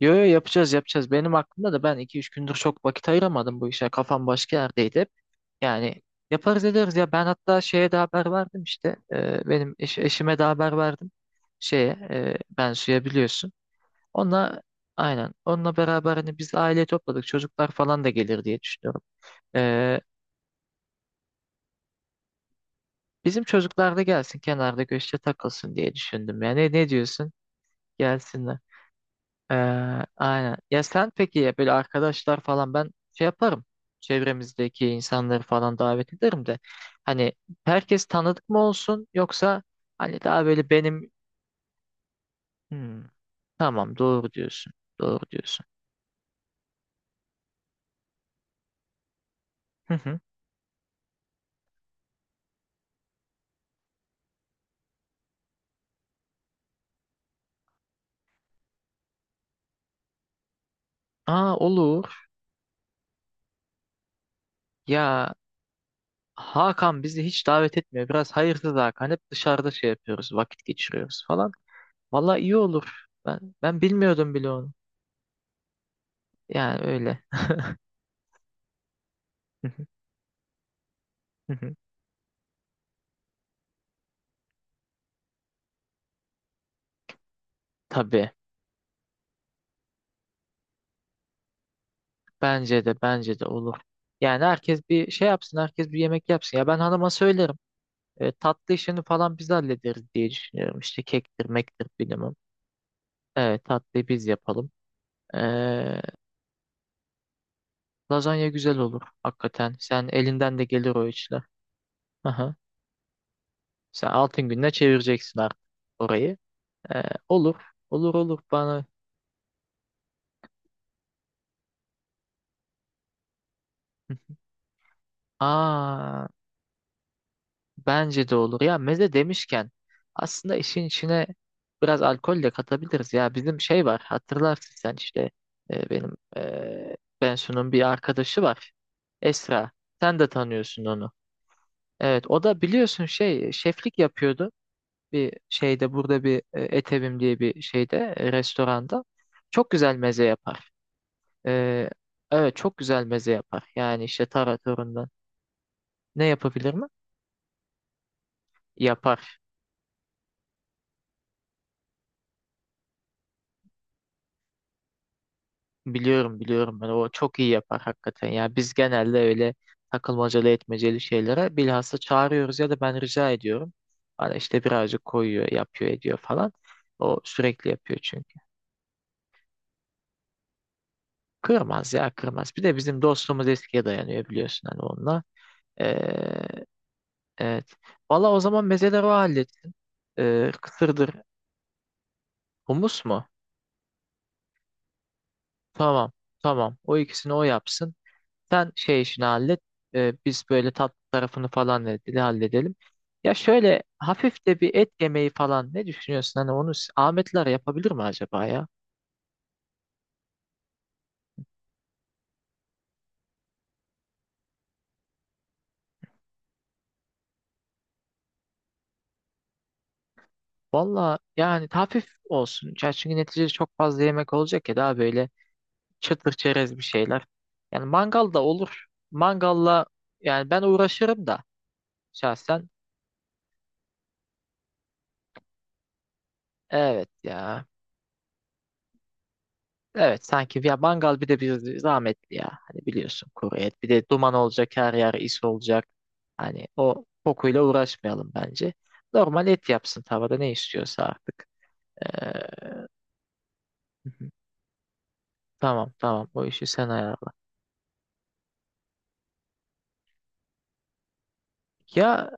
Yo yo yapacağız yapacağız. Benim aklımda da ben iki üç gündür çok vakit ayıramadım bu işe. Kafam başka yerdeydi hep. Yani yaparız ederiz ya. Ben hatta şeye de haber verdim işte. Benim eşime de haber verdim. Şeye ben suya biliyorsun. Onunla aynen. Onunla beraber hani biz aile topladık. Çocuklar falan da gelir diye düşünüyorum. Ee, bizim çocuklar da gelsin kenarda köşede takılsın diye düşündüm. Yani ne diyorsun? Gelsinler. Ee, aynen. Ya sen peki ya böyle arkadaşlar falan ben şey yaparım. Çevremizdeki insanları falan davet ederim de. Hani herkes tanıdık mı olsun yoksa hani daha böyle benim. Hmm, tamam doğru diyorsun. Doğru diyorsun. Hı hı. Aa, olur. Ya Hakan bizi hiç davet etmiyor. Biraz hayırsız Hakan. Hep dışarıda şey yapıyoruz. Vakit geçiriyoruz falan. Valla iyi olur. Ben bilmiyordum bile onu. Yani öyle. Hı hı, hı hı. Tabii. Bence de olur. Yani herkes bir şey yapsın, herkes bir yemek yapsın. Ya ben hanıma söylerim. Tatlı işini falan biz hallederiz diye düşünüyorum. İşte kektir, mektir bilmem. Evet, tatlıyı biz yapalım. E, lazanya güzel olur hakikaten. Sen elinden de gelir o işler. Aha. Sen altın gününe çevireceksin artık orayı. E, olur, olur olur bana. Aa, bence de olur. Ya meze demişken aslında işin içine biraz alkol de katabiliriz. Ya bizim şey var hatırlarsın sen işte benim Bensu'nun bir arkadaşı var. Esra. Sen de tanıyorsun onu. Evet, o da biliyorsun şey şeflik yapıyordu. Bir şeyde burada bir Etevim diye bir şeyde restoranda. Çok güzel meze yapar. E, evet, çok güzel meze yapar. Yani işte taratorundan. Ne yapabilir mi? Yapar. Biliyorum biliyorum, ben o çok iyi yapar hakikaten. Ya biz genelde öyle takılmacalı etmeceli şeylere bilhassa çağırıyoruz ya da ben rica ediyorum. Bana işte birazcık koyuyor, yapıyor, ediyor falan. O sürekli yapıyor çünkü. Kırmaz ya, kırmaz. Bir de bizim dostluğumuz eskiye dayanıyor biliyorsun hani onunla. Ee, evet. Valla, o zaman mezeleri o halletsin. Kısırdır. Humus mu? Tamam. Tamam. O ikisini o yapsın. Sen şey işini hallet. Biz böyle tatlı tarafını falan ne halledelim. Ya şöyle hafif de bir et yemeği falan ne düşünüyorsun? Hani onu Ahmetler yapabilir mi acaba ya? Valla yani hafif olsun. Ya çünkü neticede çok fazla yemek olacak ya, daha böyle çıtır çerez bir şeyler. Yani mangal da olur. Mangalla yani ben uğraşırım da şahsen. Evet ya. Evet, sanki ya mangal bir de bir zahmetli ya. Hani biliyorsun, kuru et. Bir de duman olacak, her yer is olacak. Hani o kokuyla uğraşmayalım bence. Normal et yapsın tavada, ne istiyorsa artık. Ee, hı hı. Tamam tamam, o işi sen ayarla. Ya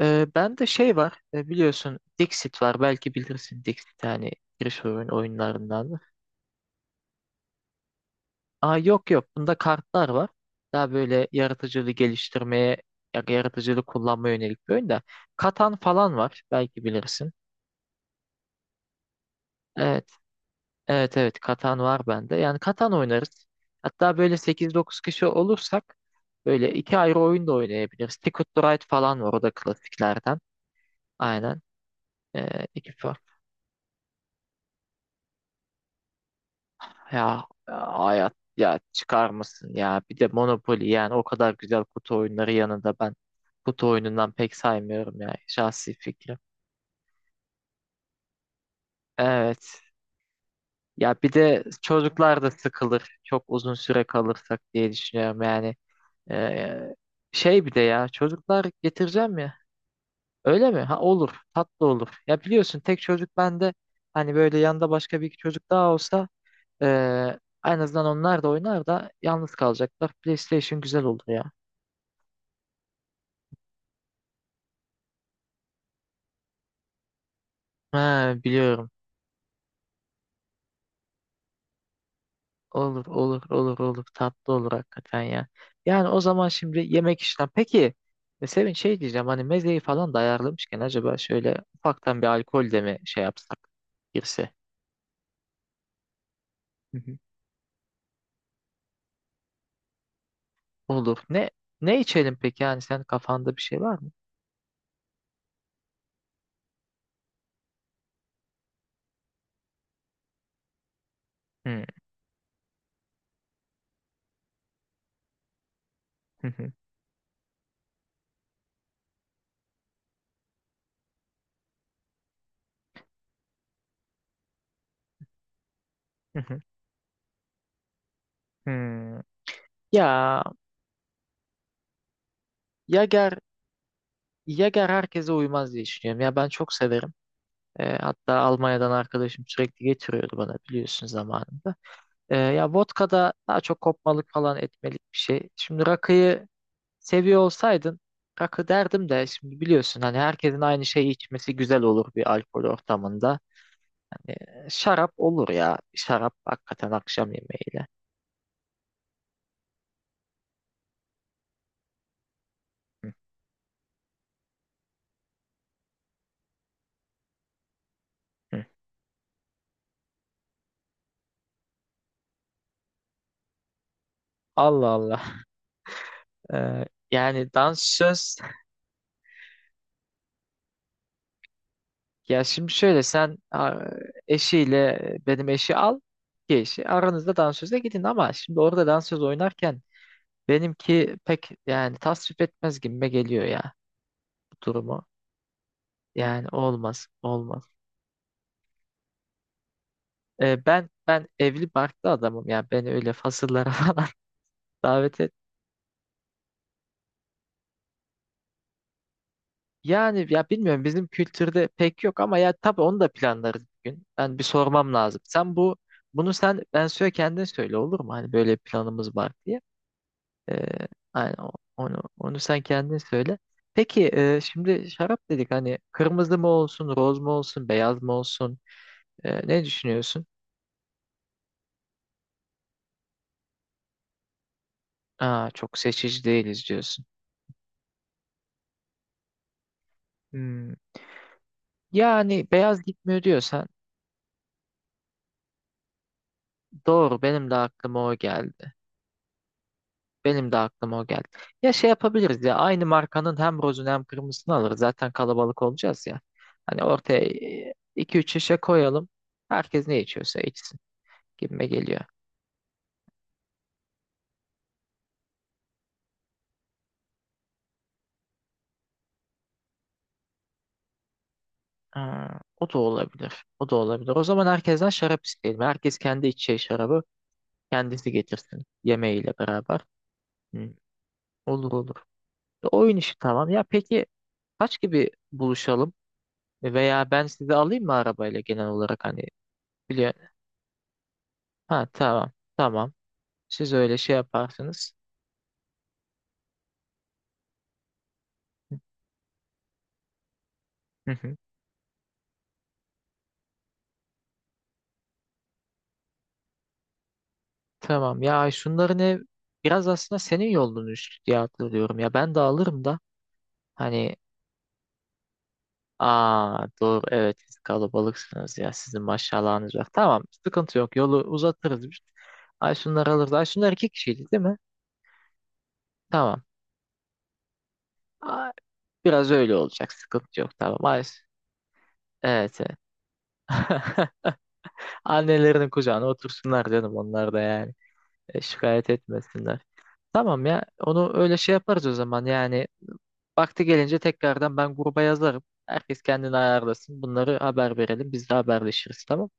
bende şey var, biliyorsun Dixit var, belki bilirsin Dixit, hani giriş oyunlarından. Aa, yok yok, bunda kartlar var. Daha böyle yaratıcılığı geliştirmeye, yaratıcılığı kullanmaya yönelik bir oyun da. Katan falan var, belki bilirsin. Evet evet evet, Katan var bende. Yani Katan oynarız. Hatta böyle sekiz dokuz kişi olursak böyle iki ayrı oyun da oynayabiliriz. Ticket to Ride falan var, o da klasiklerden. Aynen. Ee, iki, Ya hayat, ya çıkar mısın ya bir de Monopoly, yani o kadar güzel kutu oyunları yanında ben kutu oyunundan pek saymıyorum ya, şahsi fikrim. Evet ya, bir de çocuklar da sıkılır çok uzun süre kalırsak diye düşünüyorum yani. Ee, şey, bir de ya çocuklar getireceğim ya, öyle mi? Ha olur, tatlı olur ya, biliyorsun tek çocuk bende, hani böyle yanında başka bir iki çocuk daha olsa ee, en azından onlar da oynar da yalnız kalacaklar, PlayStation güzel olur ya. Ha, biliyorum. Olur olur olur olur. Tatlı olur hakikaten ya. Yani o zaman şimdi yemek işlem. Peki Sevin şey diyeceğim, hani mezeyi falan da ayarlamışken acaba şöyle ufaktan bir alkol de mi şey yapsak girse? Hı hı. Olur. Ne içelim peki, yani sen kafanda bir şey var mı? Hı hı hı hı. Hı. Hmm. Ya Yager Yager herkese uymaz diye düşünüyorum. Ya ben çok severim. Hatta Almanya'dan arkadaşım sürekli getiriyordu bana, biliyorsun zamanında. Ya vodka'da daha çok kopmalık falan, etmelik bir şey. Şimdi rakıyı seviyor olsaydın rakı derdim de, şimdi biliyorsun hani herkesin aynı şeyi içmesi güzel olur bir alkol ortamında. Şarap olur ya. Şarap hakikaten akşam yemeğiyle. Hı hı. Allah Allah. Ee, yani dansöz, ya şimdi şöyle sen eşiyle benim eşi al ki eşi aranızda dansöze gidin, ama şimdi orada dansöz oynarken benimki pek yani tasvip etmez gibime geliyor ya. Durumu. Yani olmaz, olmaz. Ben evli barklı adamım ya. Beni öyle fasıllara falan davet et. Yani ya bilmiyorum, bizim kültürde pek yok ama ya tabii onu da planlarız bir gün. Ben bir sormam lazım. Sen bunu sen ben söyle, kendin söyle, olur mu? Hani böyle bir planımız var diye. Ee, hani onu sen kendin söyle. Peki şimdi şarap dedik, hani kırmızı mı olsun, roz mu olsun, beyaz mı olsun? Ne düşünüyorsun? Aa, çok seçici değiliz diyorsun. Hmm. Yani beyaz gitmiyor diyorsan, doğru, benim de aklıma o geldi. Benim de aklıma o geldi. Ya şey yapabiliriz ya, aynı markanın hem rozunu hem kırmızısını alırız. Zaten kalabalık olacağız ya. Hani ortaya iki üç şişe koyalım. Herkes ne içiyorsa içsin gibime geliyor. Ha, o da olabilir. O da olabilir. O zaman herkesten şarap isteyelim. Herkes kendi içeceği şarabı kendisi getirsin yemeğiyle beraber. Hı, olur olur. Oyun işi tamam. Ya peki kaç gibi buluşalım? Veya ben sizi alayım mı arabayla, genel olarak hani biliyor. Ha tamam tamam. Siz öyle şey yaparsınız. Hı hı. Tamam ya, şunların ev biraz aslında senin yolunmuş diye hatırlıyorum ya, ben de alırım da hani, aa doğru, evet siz kalabalıksınız ya, sizin maşallahınız var. Tamam sıkıntı yok, yolu uzatırız biz. Ay şunları alırız. Ay şunlar iki kişiydi değil mi? Tamam. Ay, biraz öyle olacak, sıkıntı yok, tamam. Ay, evet evet. Annelerinin kucağına otursunlar canım, onlar da yani. Şikayet etmesinler. Tamam ya, onu öyle şey yaparız o zaman yani. Vakti gelince tekrardan ben gruba yazarım. Herkes kendini ayarlasın. Bunları haber verelim. Biz de haberleşiriz, tamam.